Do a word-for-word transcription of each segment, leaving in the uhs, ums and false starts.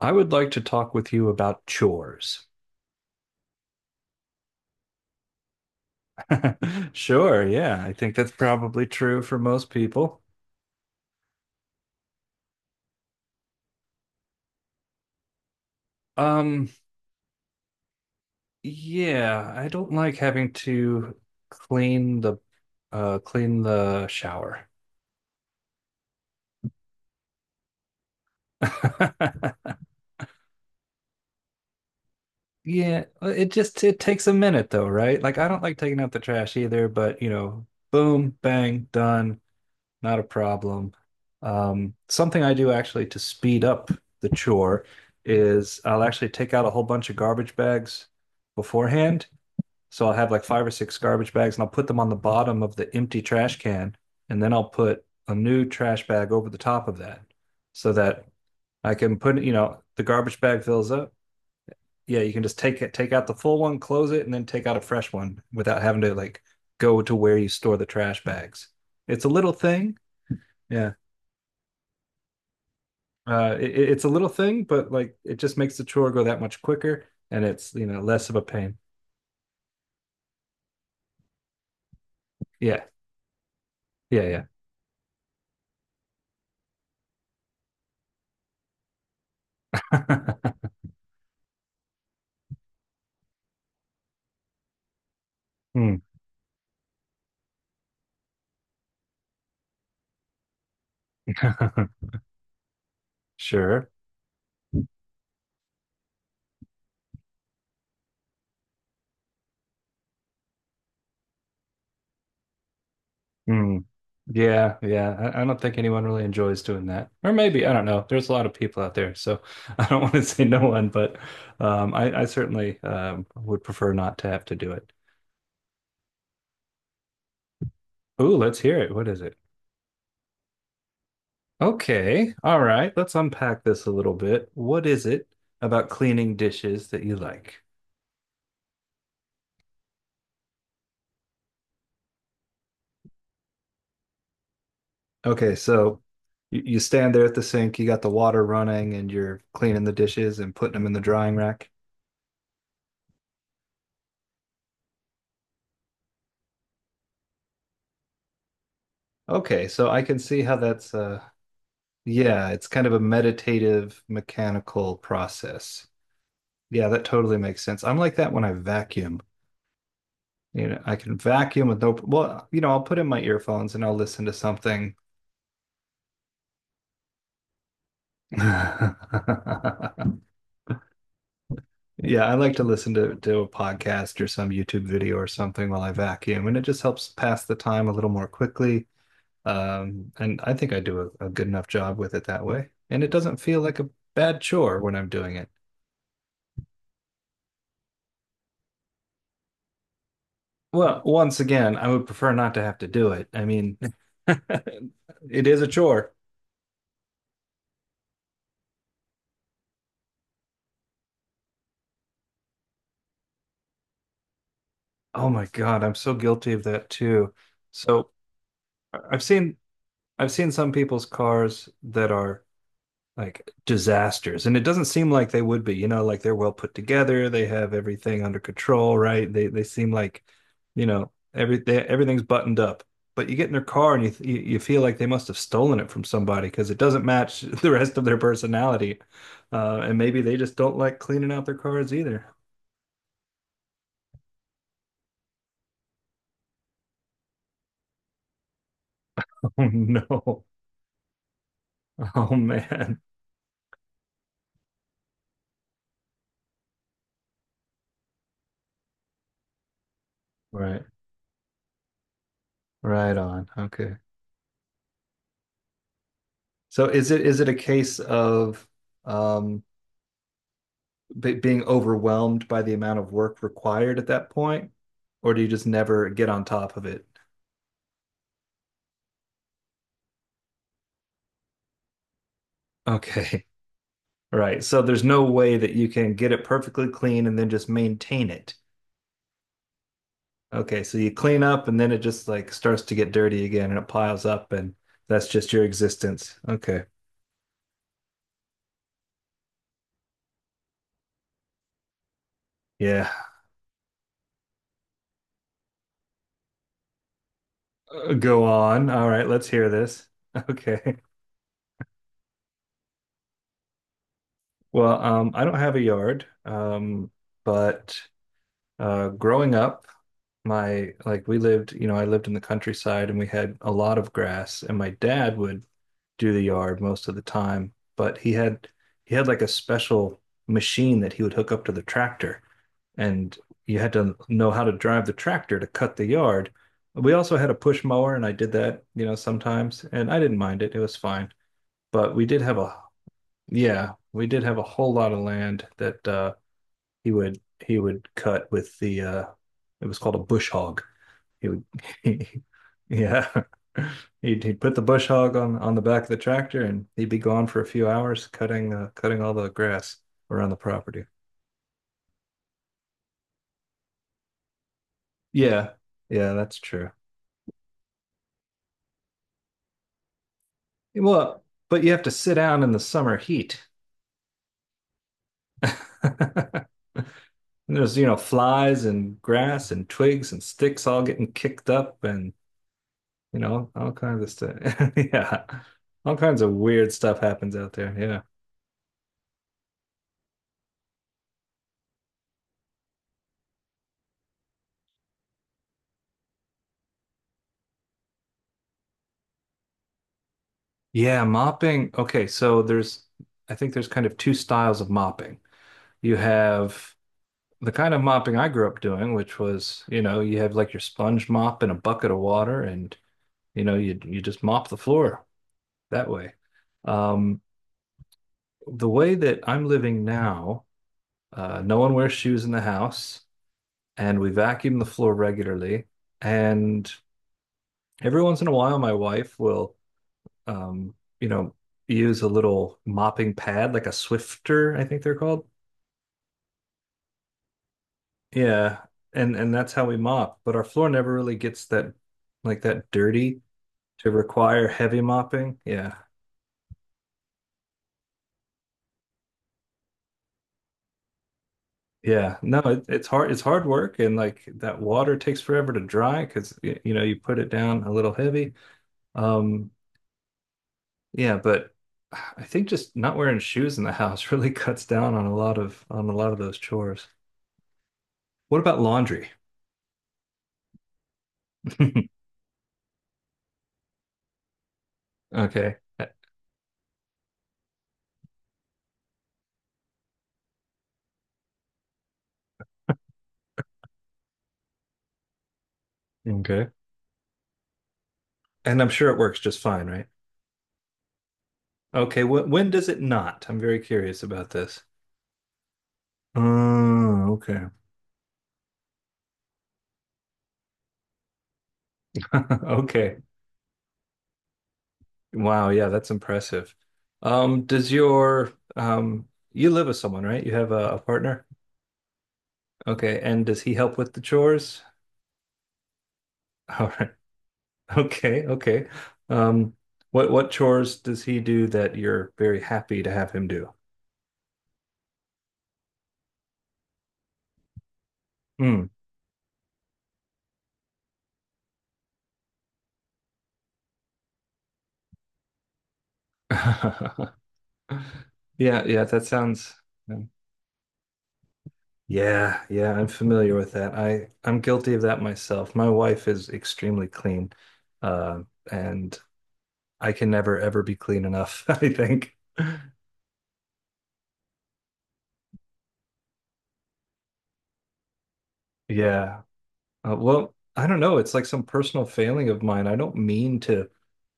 I would like to talk with you about chores. Sure, yeah, I think that's probably true for most people. Um, yeah, I don't like having to clean the uh clean the shower. Yeah, uh, it just it takes a minute though, right? Like I don't like taking out the trash either, but you know, boom, bang, done. Not a problem. Um, something I do actually to speed up the chore is I'll actually take out a whole bunch of garbage bags beforehand. So I'll have like five or six garbage bags and I'll put them on the bottom of the empty trash can. And then I'll put a new trash bag over the top of that so that I can put, you know, the garbage bag fills up. Yeah, you can just take it, take out the full one, close it, and then take out a fresh one without having to like go to where you store the trash bags. It's a little thing. Yeah. Uh, it, it's a little thing, but like it just makes the chore go that much quicker and it's, you know, less of a pain. Yeah. Yeah. Yeah. Hmm. Sure. Hmm. Yeah. Yeah. I, I don't think anyone really enjoys doing that. Or maybe, I don't know. There's a lot of people out there. So I don't want to say no one, but um, I, I certainly um, would prefer not to have to do it. Ooh, let's hear it. What is it? Okay. All right. Let's unpack this a little bit. What is it about cleaning dishes that you like? Okay, so you, you stand there at the sink, you got the water running, and you're cleaning the dishes and putting them in the drying rack. Okay, so I can see how that's uh yeah, it's kind of a meditative mechanical process. Yeah, that totally makes sense. I'm like that when I vacuum. You know, I can vacuum with no, well, you know, I'll put in my earphones and I'll listen to something. Yeah, I like to listen to, to a podcast or some YouTube video or something while I vacuum, and it just helps pass the time a little more quickly. Um, and I think I do a, a good enough job with it that way. And it doesn't feel like a bad chore when I'm doing it. Well, once again, I would prefer not to have to do it. I mean, it is a chore. Oh my God, I'm so guilty of that too. So I- I've seen I've seen some people's cars that are like disasters. And it doesn't seem like they would be, you know, like they're well put together, they have everything under control, right? They they seem like, you know, every they, everything's buttoned up. But you get in their car and you you, you feel like they must have stolen it from somebody because it doesn't match the rest of their personality. Uh, and maybe they just don't like cleaning out their cars either. Oh no. Oh man. Right. Right on. Okay. So is it is it a case of um be- being overwhelmed by the amount of work required at that point, or do you just never get on top of it? Okay. Right. So there's no way that you can get it perfectly clean and then just maintain it. Okay. So you clean up and then it just like starts to get dirty again and it piles up and that's just your existence. Okay. Yeah. Uh, go on. All right. Let's hear this. Okay. Well, um, I don't have a yard, um, but uh, growing up, my like we lived, you know, I lived in the countryside and we had a lot of grass and my dad would do the yard most of the time, but he had he had like a special machine that he would hook up to the tractor and you had to know how to drive the tractor to cut the yard. We also had a push mower and I did that, you know, sometimes and I didn't mind it. It was fine. But we did have a yeah, we did have a whole lot of land that uh he would he would cut with the uh it was called a bush hog. he would he, yeah, he'd, he'd put the bush hog on on the back of the tractor and he'd be gone for a few hours cutting uh, cutting all the grass around the property. Yeah, yeah, that's true. Well, but you have to sit down in the summer heat. And there's you know flies and grass and twigs and sticks all getting kicked up and you know all kinds of stuff. Yeah, all kinds of weird stuff happens out there. Yeah. Yeah, mopping. Okay, so there's, I think there's kind of two styles of mopping. You have the kind of mopping I grew up doing, which was, you know, you have like your sponge mop and a bucket of water, and you know, you you just mop the floor that way. Um, the way that I'm living now, uh, no one wears shoes in the house, and we vacuum the floor regularly. And every once in a while, my wife will um, you know, use a little mopping pad, like a Swifter, I think they're called. Yeah, and and that's how we mop. But our floor never really gets that like that dirty to require heavy mopping. Yeah. Yeah. No, it, it's hard it's hard work and like that water takes forever to dry because you know, you put it down a little heavy. Um yeah, but I think just not wearing shoes in the house really cuts down on a lot of on a lot of those chores. What about laundry? Okay. Okay. And I'm sure it works just fine, right? Okay, wh- when does it not? I'm very curious about this. Oh, okay. Okay. Wow, yeah, that's impressive. Um, does your um you live with someone, right? You have a, a partner? Okay, and does he help with the chores? All right. Okay, okay. Um, what what chores does he do that you're very happy to have him do? Hmm. Yeah, yeah, that sounds yeah. Yeah, yeah, I'm familiar with that. I I'm guilty of that myself. My wife is extremely clean, uh, and I can never ever be clean enough, I think. Yeah. Uh, well, I don't know. It's like some personal failing of mine. I don't mean to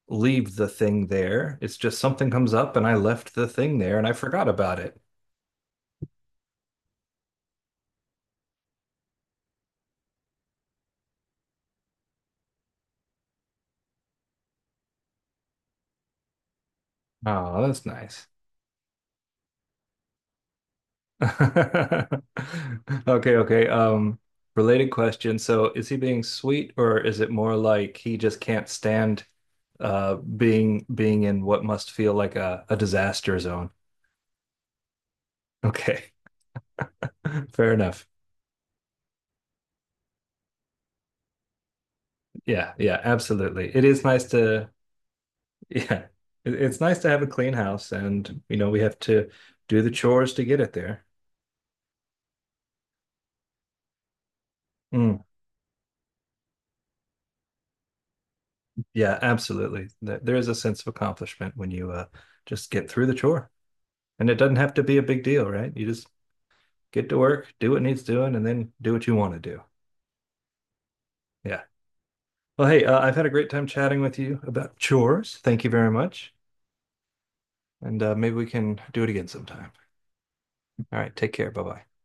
leave the thing there. It's just something comes up and I left the thing there and I forgot about it. Oh, that's nice. Okay, okay. Um, related question. So is he being sweet or is it more like he just can't stand uh being being in what must feel like a, a disaster zone? Okay. Fair enough. Yeah, yeah, absolutely. It is nice to yeah. It- It's nice to have a clean house and you know we have to do the chores to get it there. Mm, yeah, absolutely. There there is a sense of accomplishment when you uh just get through the chore. And it doesn't have to be a big deal, right? You just get to work, do what needs doing, and then do what you want to do. Yeah. Well, hey, uh, I've had a great time chatting with you about chores. Thank you very much. And uh, maybe we can do it again sometime. All right. Take care. Bye bye.